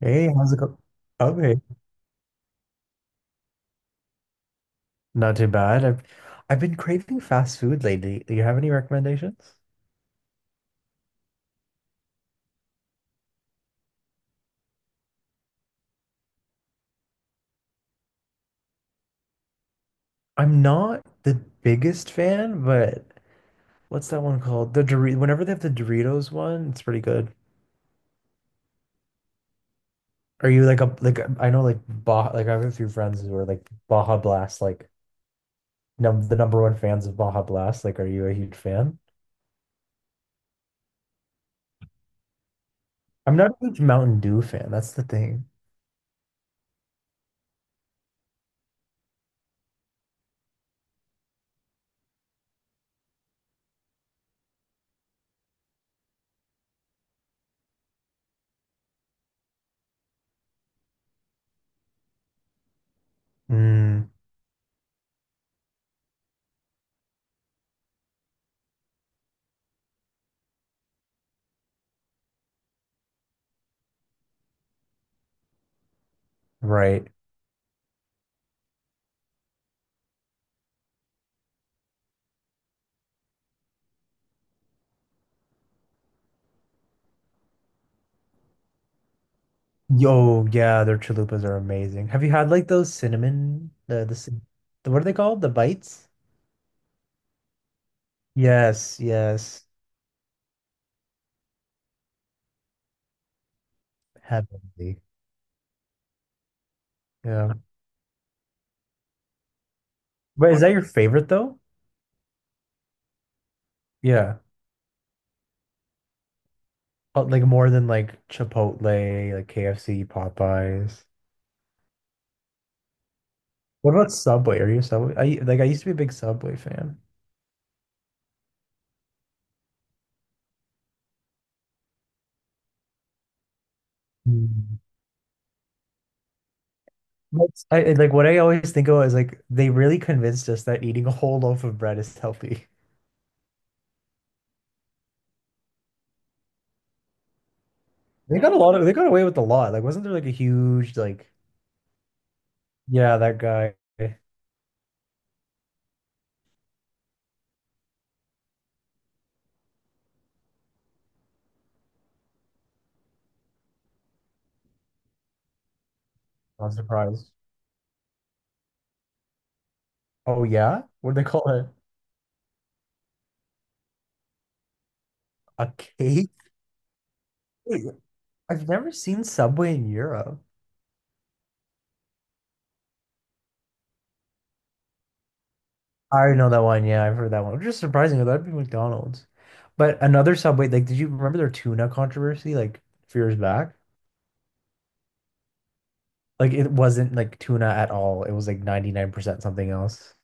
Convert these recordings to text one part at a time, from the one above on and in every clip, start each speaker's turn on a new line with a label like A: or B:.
A: Hey, how's it going? Okay, not too bad. I've been craving fast food lately. Do you have any recommendations? I'm not the biggest fan, but what's that one called? The Doritos. Whenever they have the Doritos one, it's pretty good. Are you like a I know like Baja like I have a few friends who are like Baja Blast like num the number one fans of Baja Blast. Like, are you a huge fan? I'm not a huge Mountain Dew fan. That's the thing. Mm, right. Yo, yeah, their chalupas are amazing. Have you had like those cinnamon, the the what are they called? The bites? Yes, yes. Heavenly. Yeah. Wait, is that your favorite though? Yeah. Like more than like Chipotle, like KFC, Popeyes. What about Subway? Are you a Subway? I like I used to be a big Subway fan. Mm. Like what I always think of is like they really convinced us that eating a whole loaf of bread is healthy. They got away with a lot. Like wasn't there like a huge like— yeah, that guy. I'm surprised. Oh yeah? What do they call it? A cake? Wait, I've never seen Subway in Europe. I already know that one. Yeah, I've heard that one. Which is surprising. That'd be McDonald's. But another Subway, like, did you remember their tuna controversy like a few years back? Like, it wasn't like tuna at all. It was like 99% something else.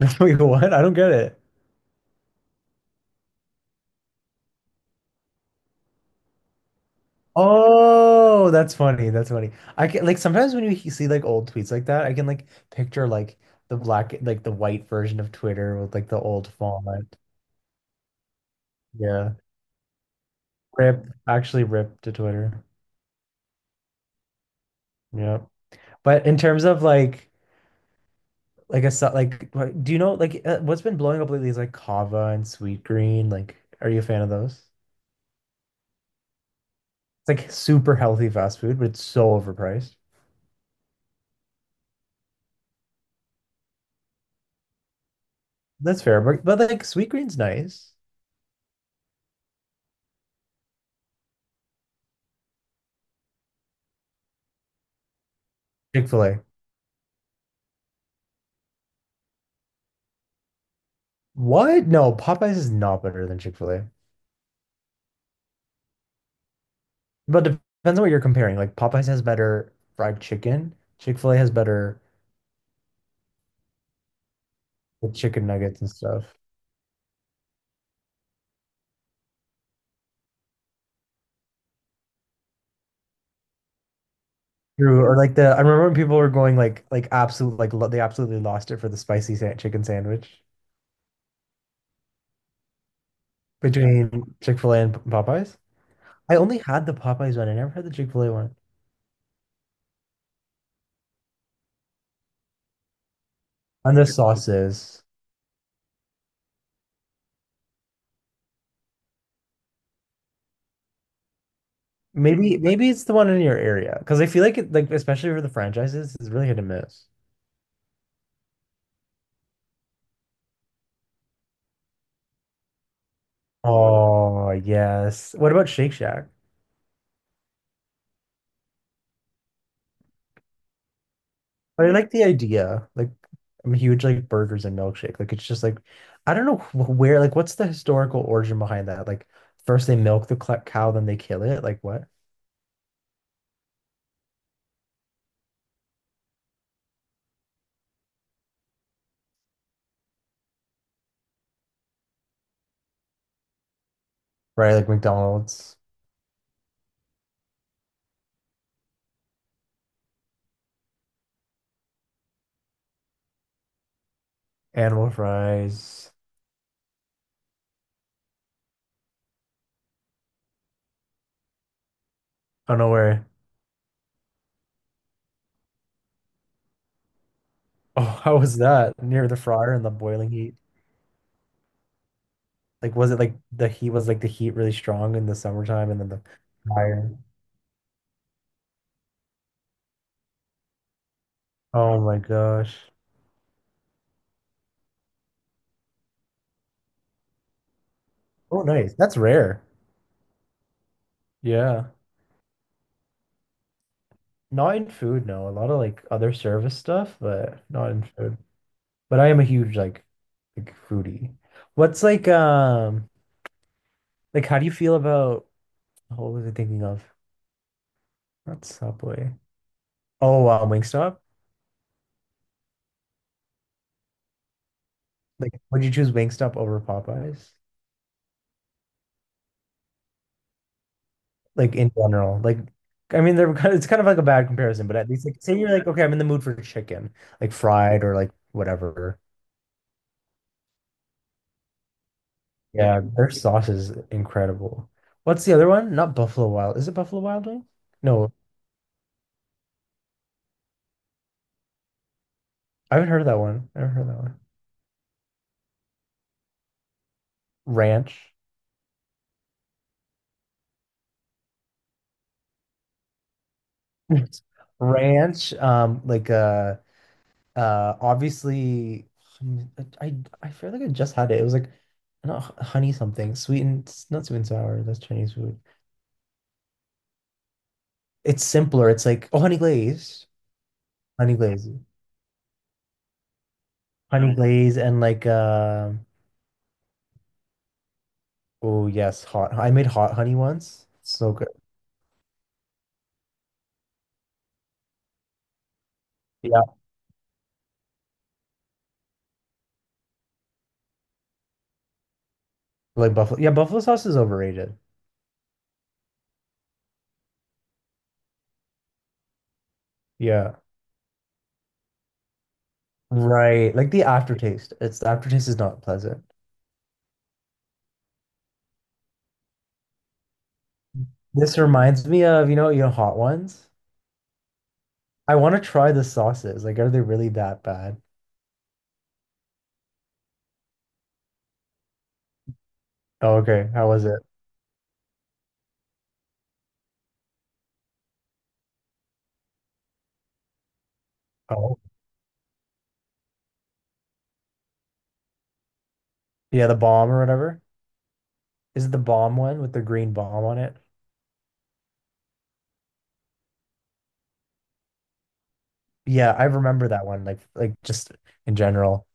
A: Wait, what? I don't get it. Oh, that's funny. That's funny. I can like sometimes when you see like old tweets like that, I can like picture like the black, like the white version of Twitter with like the old font. Yeah. Rip, actually rip to Twitter. Yeah. But in terms of like a, so- like, what- do you know, like, what's been blowing up lately is like Kava and Sweet Green. Like, are you a fan of those? It's like super healthy fast food, but it's so overpriced. That's fair. But like, Sweet Green's nice. Chick-fil-A. What? No, Popeyes is not better than Chick-fil-A. But depends on what you're comparing. Like Popeyes has better fried chicken. Chick-fil-A has better, like, chicken nuggets and stuff. True. Or like the— I remember when people were going like absolute like lo they absolutely lost it for the spicy sa chicken sandwich between Chick-fil-A and Popeyes. I only had the Popeyes one. I never had the Chick-fil-A one. And the sauces. Maybe maybe it's the one in your area because I feel like it like especially for the franchises, it's really hit and miss. Oh yes. What about Shake Shack? But I like the idea. Like I'm a huge like burgers and milkshake. Like it's just like I don't know where like what's the historical origin behind that? Like first they milk the cow, then they kill it. Like what? Right, like McDonald's, animal fries. I don't know where. Oh, how was that? Near the fryer and the boiling heat. Like was it like the heat really strong in the summertime and then the fryer? Oh my gosh. Oh, nice. That's rare. Yeah. Not in food, no. A lot of like other service stuff, but not in food. But I am a huge like foodie. What's like how do you feel about— what was I thinking of? Not Subway. Oh wow, Wingstop? Like would you choose Wingstop over Popeyes? Like in general. Like I mean they're kind of it's kind of like a bad comparison, but at least like say you're like, okay, I'm in the mood for chicken, like fried or like whatever. Yeah, their sauce is incredible. What's the other one? Not Buffalo Wild. Is it Buffalo Wild Wing? No, I haven't heard of that one. I haven't heard of that one. Ranch. Ranch, obviously hum- I I feel like I just had it. It was like not h- honey something, not sweet and sour, that's Chinese food. It's simpler. It's like oh honey glazed. Honey glazed. Honey glaze and like oh yes, hot. I made hot honey once. So good. Yeah. Like buffalo— yeah, buffalo sauce is overrated. Yeah. Right. Like the aftertaste. It's the aftertaste is not pleasant. This reminds me of, you know, hot ones. I want to try the sauces. Like, are they really that bad? Oh, okay. How was it? Oh, yeah, the bomb or whatever. Is it the bomb one with the green bomb on it? Yeah, I remember that one. Like just in general.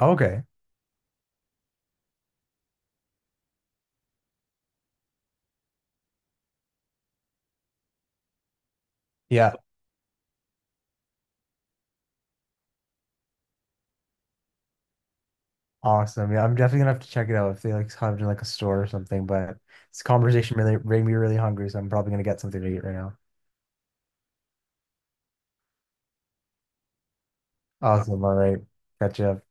A: Okay. Yeah. Awesome. Yeah, I'm definitely gonna have to check it out if they like have it in like a store or something. But this conversation really made me really hungry, so I'm probably gonna get something to eat right now. Awesome. All right. Catch you up.